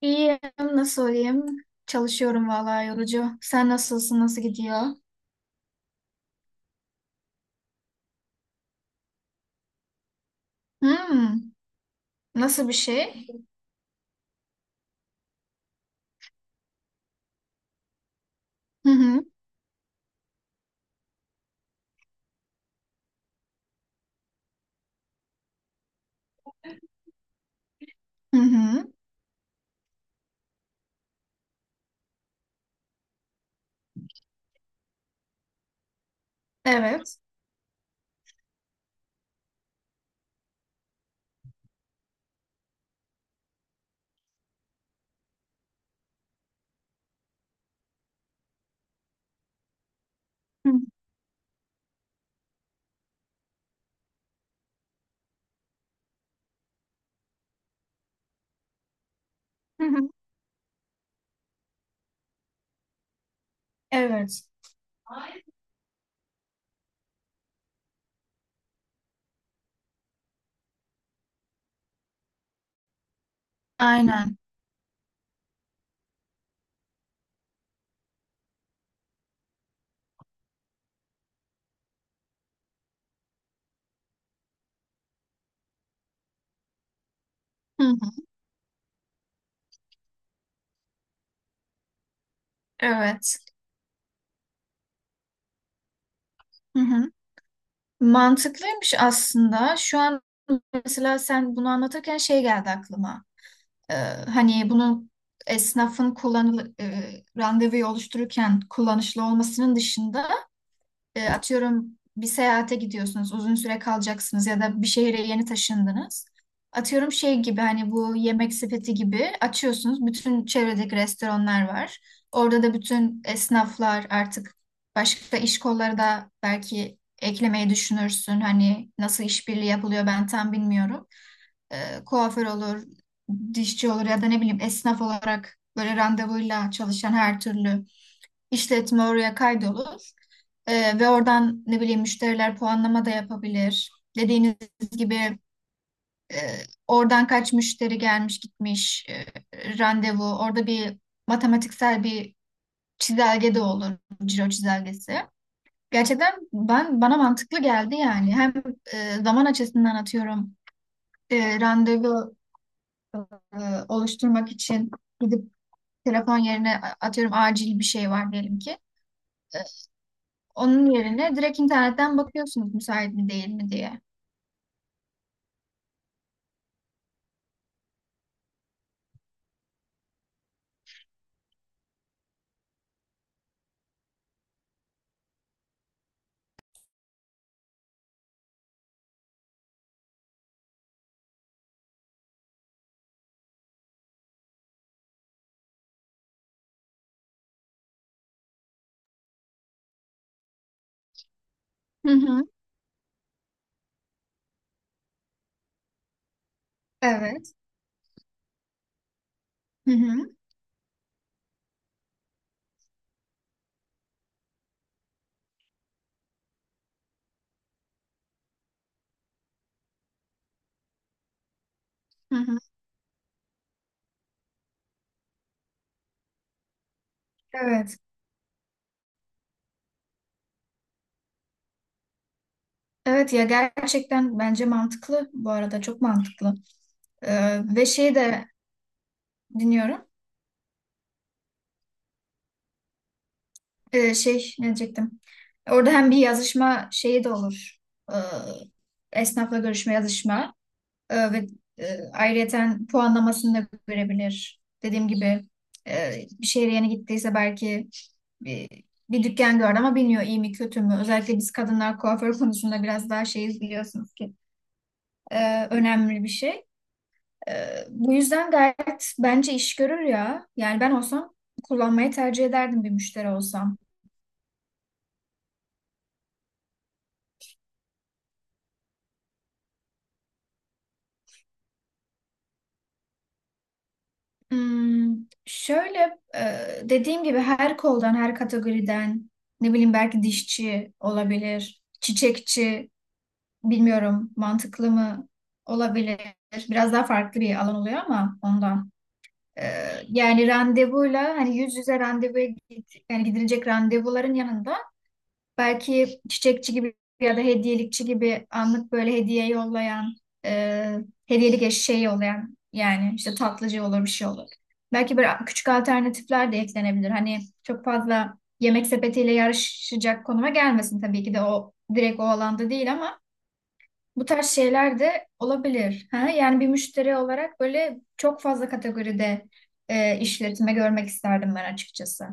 İyiyim, nasıl olayım? Çalışıyorum vallahi yorucu. Sen nasılsın, nasıl gidiyor? Hmm, Nasıl bir şey? Hı hı, hı hı, evet. Hı hı, evet, aynen. Hı hı, evet. Hı hı. Mantıklıymış aslında. Şu an mesela sen bunu anlatırken şey geldi aklıma. Ee, Hani bunun esnafın randevuyu oluştururken kullanışlı olmasının dışında atıyorum bir seyahate gidiyorsunuz, uzun süre kalacaksınız ya da bir şehre yeni taşındınız. Atıyorum şey gibi hani bu yemek sepeti gibi açıyorsunuz. Bütün çevredeki restoranlar var. Orada da bütün esnaflar artık başka iş kolları da belki eklemeyi düşünürsün. Hani nasıl işbirliği yapılıyor ben tam bilmiyorum. Kuaför olur, dişçi olur ya da ne bileyim esnaf olarak böyle randevuyla çalışan her türlü işletme oraya kaydolur. Ve oradan ne bileyim müşteriler puanlama da yapabilir. Dediğiniz gibi e, oradan kaç müşteri gelmiş gitmiş randevu. Orada bir matematiksel bir çizelge de olur. Ciro çizelgesi. Gerçekten ben bana mantıklı geldi yani. Hem zaman açısından atıyorum randevu e, oluşturmak için gidip telefon yerine atıyorum acil bir şey var diyelim ki. E, Onun yerine direkt internetten bakıyorsunuz müsait mi değil mi diye. Hı hı. Evet. Hı hı. Hı hı. Evet. Evet ya gerçekten bence mantıklı bu arada çok mantıklı. Ve şeyi de dinliyorum. Şey ne diyecektim? Orada hem bir yazışma şeyi de olur. Ee, Esnafla görüşme yazışma ve ayrıyeten puanlamasını da görebilir. Dediğim gibi e, bir şehre yeni gittiyse belki bir, bir dükkan gördü ama bilmiyor iyi mi kötü mü. Özellikle biz kadınlar kuaför konusunda biraz daha şeyiz biliyorsunuz ki önemli bir şey. Bu yüzden gayet bence iş görür ya. Yani ben olsam kullanmayı tercih ederdim bir müşteri olsam. Hmm, şöyle e, dediğim gibi her koldan, her kategoriden ne bileyim belki dişçi olabilir, çiçekçi bilmiyorum mantıklı mı olabilir. Biraz daha farklı bir alan oluyor ama ondan. Ee, Yani randevuyla hani yüz yüze randevuya git, yani gidilecek randevuların yanında belki çiçekçi gibi ya da hediyelikçi gibi anlık böyle hediye yollayan, e, hediyelik eşeği yollayan yani işte tatlıcı olur bir şey olur. Belki böyle küçük alternatifler de eklenebilir. Hani çok fazla yemek sepetiyle yarışacak konuma gelmesin tabii ki de o direkt o alanda değil ama bu tarz şeyler de olabilir. Ha? Yani bir müşteri olarak böyle çok fazla kategoride işletme görmek isterdim ben açıkçası.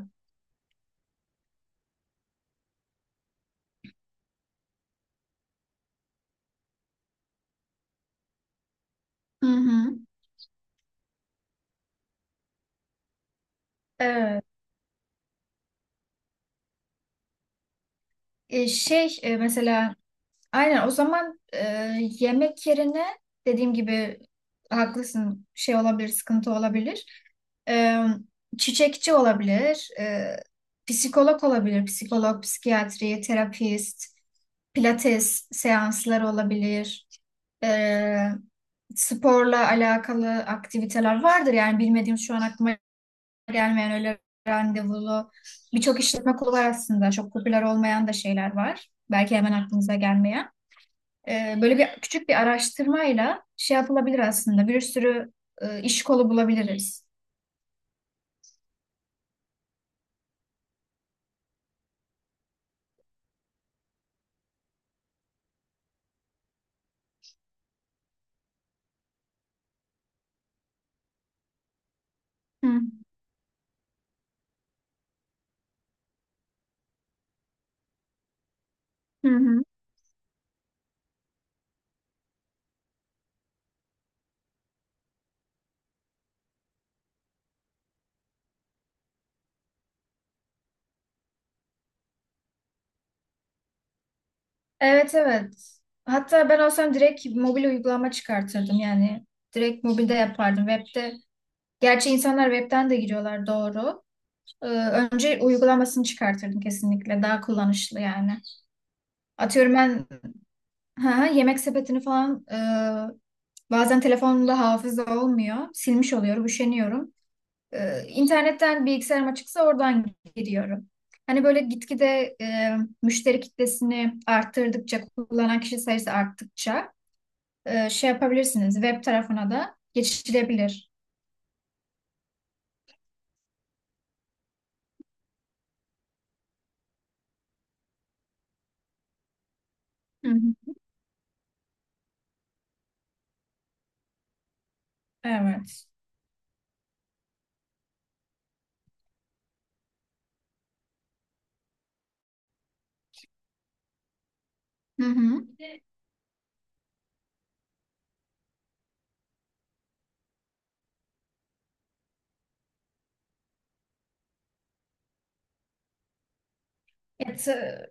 Hı hı. Evet. Mesela aynen o zaman, yemek yerine dediğim gibi haklısın şey olabilir sıkıntı olabilir. E, Çiçekçi olabilir, psikolog olabilir, psikolog, psikiyatri, terapist, pilates seansları olabilir. E, Sporla alakalı aktiviteler vardır yani bilmediğim şu an aklıma gelmeyen öyle randevulu birçok işletme kolu var aslında çok popüler olmayan da şeyler var. Belki hemen aklınıza gelmeyen. Böyle bir küçük bir araştırmayla şey yapılabilir aslında. Bir sürü iş kolu bulabiliriz. Hı hı. Hı. Evet, evet. Hatta ben olsam direkt mobil uygulama çıkartırdım yani. Direkt mobilde yapardım. Web'de. Gerçi insanlar web'ten de giriyorlar doğru. Önce uygulamasını çıkartırdım kesinlikle. Daha kullanışlı yani. Atıyorum ben ha, yemek sepetini falan bazen telefonumda hafıza olmuyor. Silmiş oluyorum, üşeniyorum. İnternetten bilgisayarım açıksa oradan giriyorum. Hani böyle gitgide e, müşteri kitlesini arttırdıkça, kullanan kişi sayısı arttıkça şey yapabilirsiniz. Web tarafına da geçilebilir. Hı hı. Evet. Hı hı. Evet,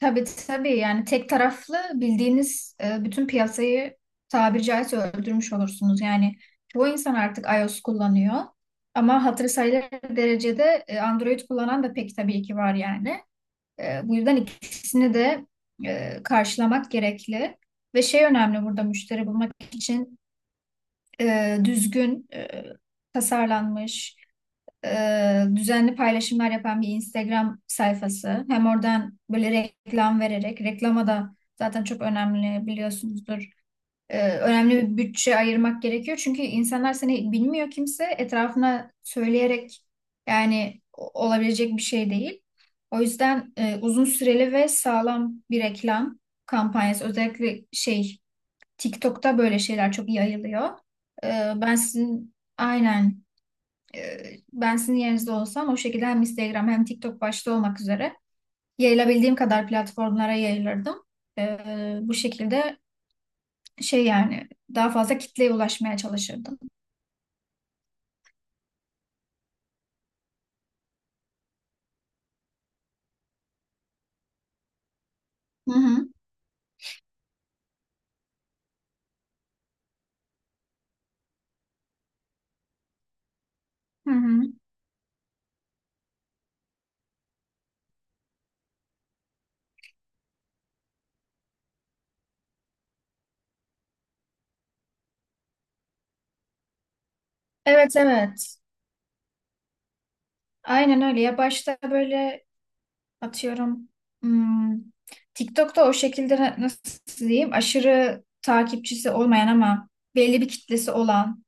tabii tabii yani tek taraflı bildiğiniz bütün piyasayı tabiri caizse öldürmüş olursunuz. Yani çoğu insan artık iOS kullanıyor ama hatırı sayılır derecede Android kullanan da pek tabii ki var yani. Bu yüzden ikisini de karşılamak gerekli. Ve şey önemli burada müşteri bulmak için düzgün, tasarlanmış, düzenli paylaşımlar yapan bir Instagram sayfası. Hem oradan böyle reklam vererek, reklama da zaten çok önemli biliyorsunuzdur, önemli bir bütçe ayırmak gerekiyor. Çünkü insanlar seni bilmiyor kimse etrafına söyleyerek yani olabilecek bir şey değil. O yüzden uzun süreli ve sağlam bir reklam kampanyası, özellikle şey, TikTok'ta böyle şeyler çok iyi yayılıyor. E, ben sizin aynen e, ben sizin yerinizde olsam o şekilde hem Instagram hem TikTok başta olmak üzere yayılabildiğim kadar platformlara yayılırdım. E, Bu şekilde şey yani daha fazla kitleye ulaşmaya çalışırdım. Hı hı. Hı hı. Evet, evet. Aynen öyle. Ya başta böyle atıyorum, hmm, TikTok'ta o şekilde nasıl diyeyim aşırı takipçisi olmayan ama belli bir kitlesi olan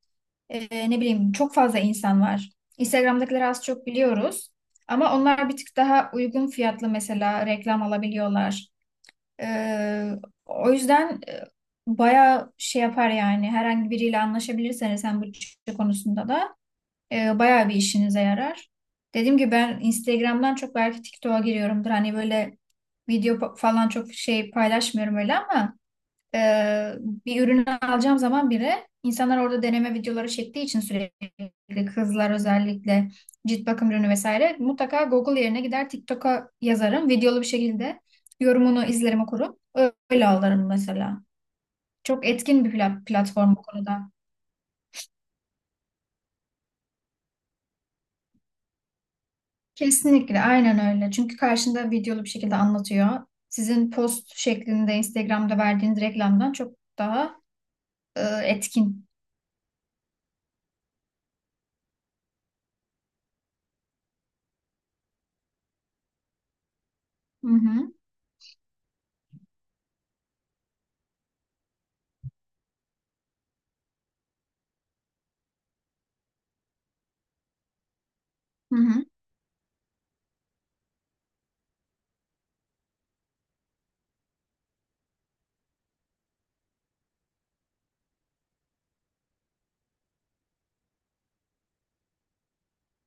ne bileyim çok fazla insan var. Instagram'dakileri az çok biliyoruz. Ama onlar bir tık daha uygun fiyatlı mesela reklam alabiliyorlar. Ee, O yüzden bayağı şey yapar yani herhangi biriyle anlaşabilirseniz hem bütçe konusunda da bayağı bir işinize yarar. Dediğim gibi ben Instagram'dan çok belki TikTok'a giriyorumdur. Hani böyle video falan çok şey paylaşmıyorum öyle ama ee, bir ürünü alacağım zaman bile insanlar orada deneme videoları çektiği için sürekli kızlar özellikle cilt bakım ürünü vesaire mutlaka Google yerine gider TikTok'a yazarım, videolu bir şekilde yorumunu izlerim okurum, öyle alırım mesela. Çok etkin bir platform bu konuda. Kesinlikle aynen öyle. Çünkü karşında videolu bir şekilde anlatıyor. Sizin post şeklinde Instagram'da verdiğiniz reklamdan çok daha etkin. Hı hı. Hı hı.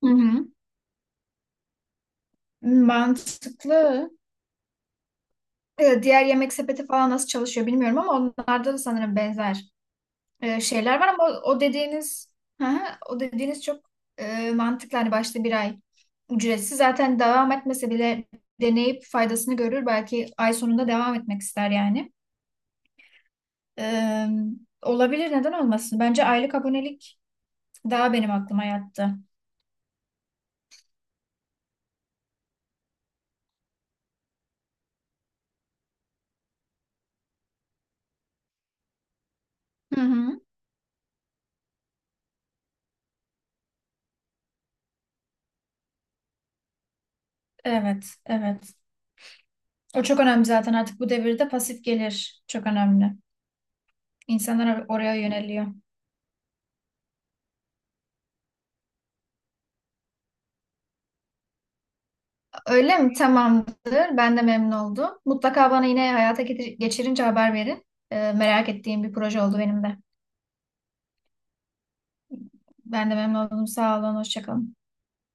Hı hı. Mantıklı. Diğer yemek sepeti falan nasıl çalışıyor bilmiyorum ama onlarda da sanırım benzer şeyler var ama o dediğiniz hı hı, o dediğiniz çok mantıklı. Hani başta bir ay ücretsiz zaten devam etmese bile deneyip faydasını görür. Belki ay sonunda devam etmek ister yani. E, Olabilir neden olmasın? Bence aylık abonelik daha benim aklıma yattı. Hı hı. Evet, evet. O çok önemli zaten artık bu devirde pasif gelir çok önemli. İnsanlar oraya yöneliyor. Öyle mi? Tamamdır. Ben de memnun oldum. Mutlaka bana yine hayata geçirince haber verin. Merak ettiğim bir proje oldu benim de. Ben de memnun oldum. Sağ olun. Hoşça kalın.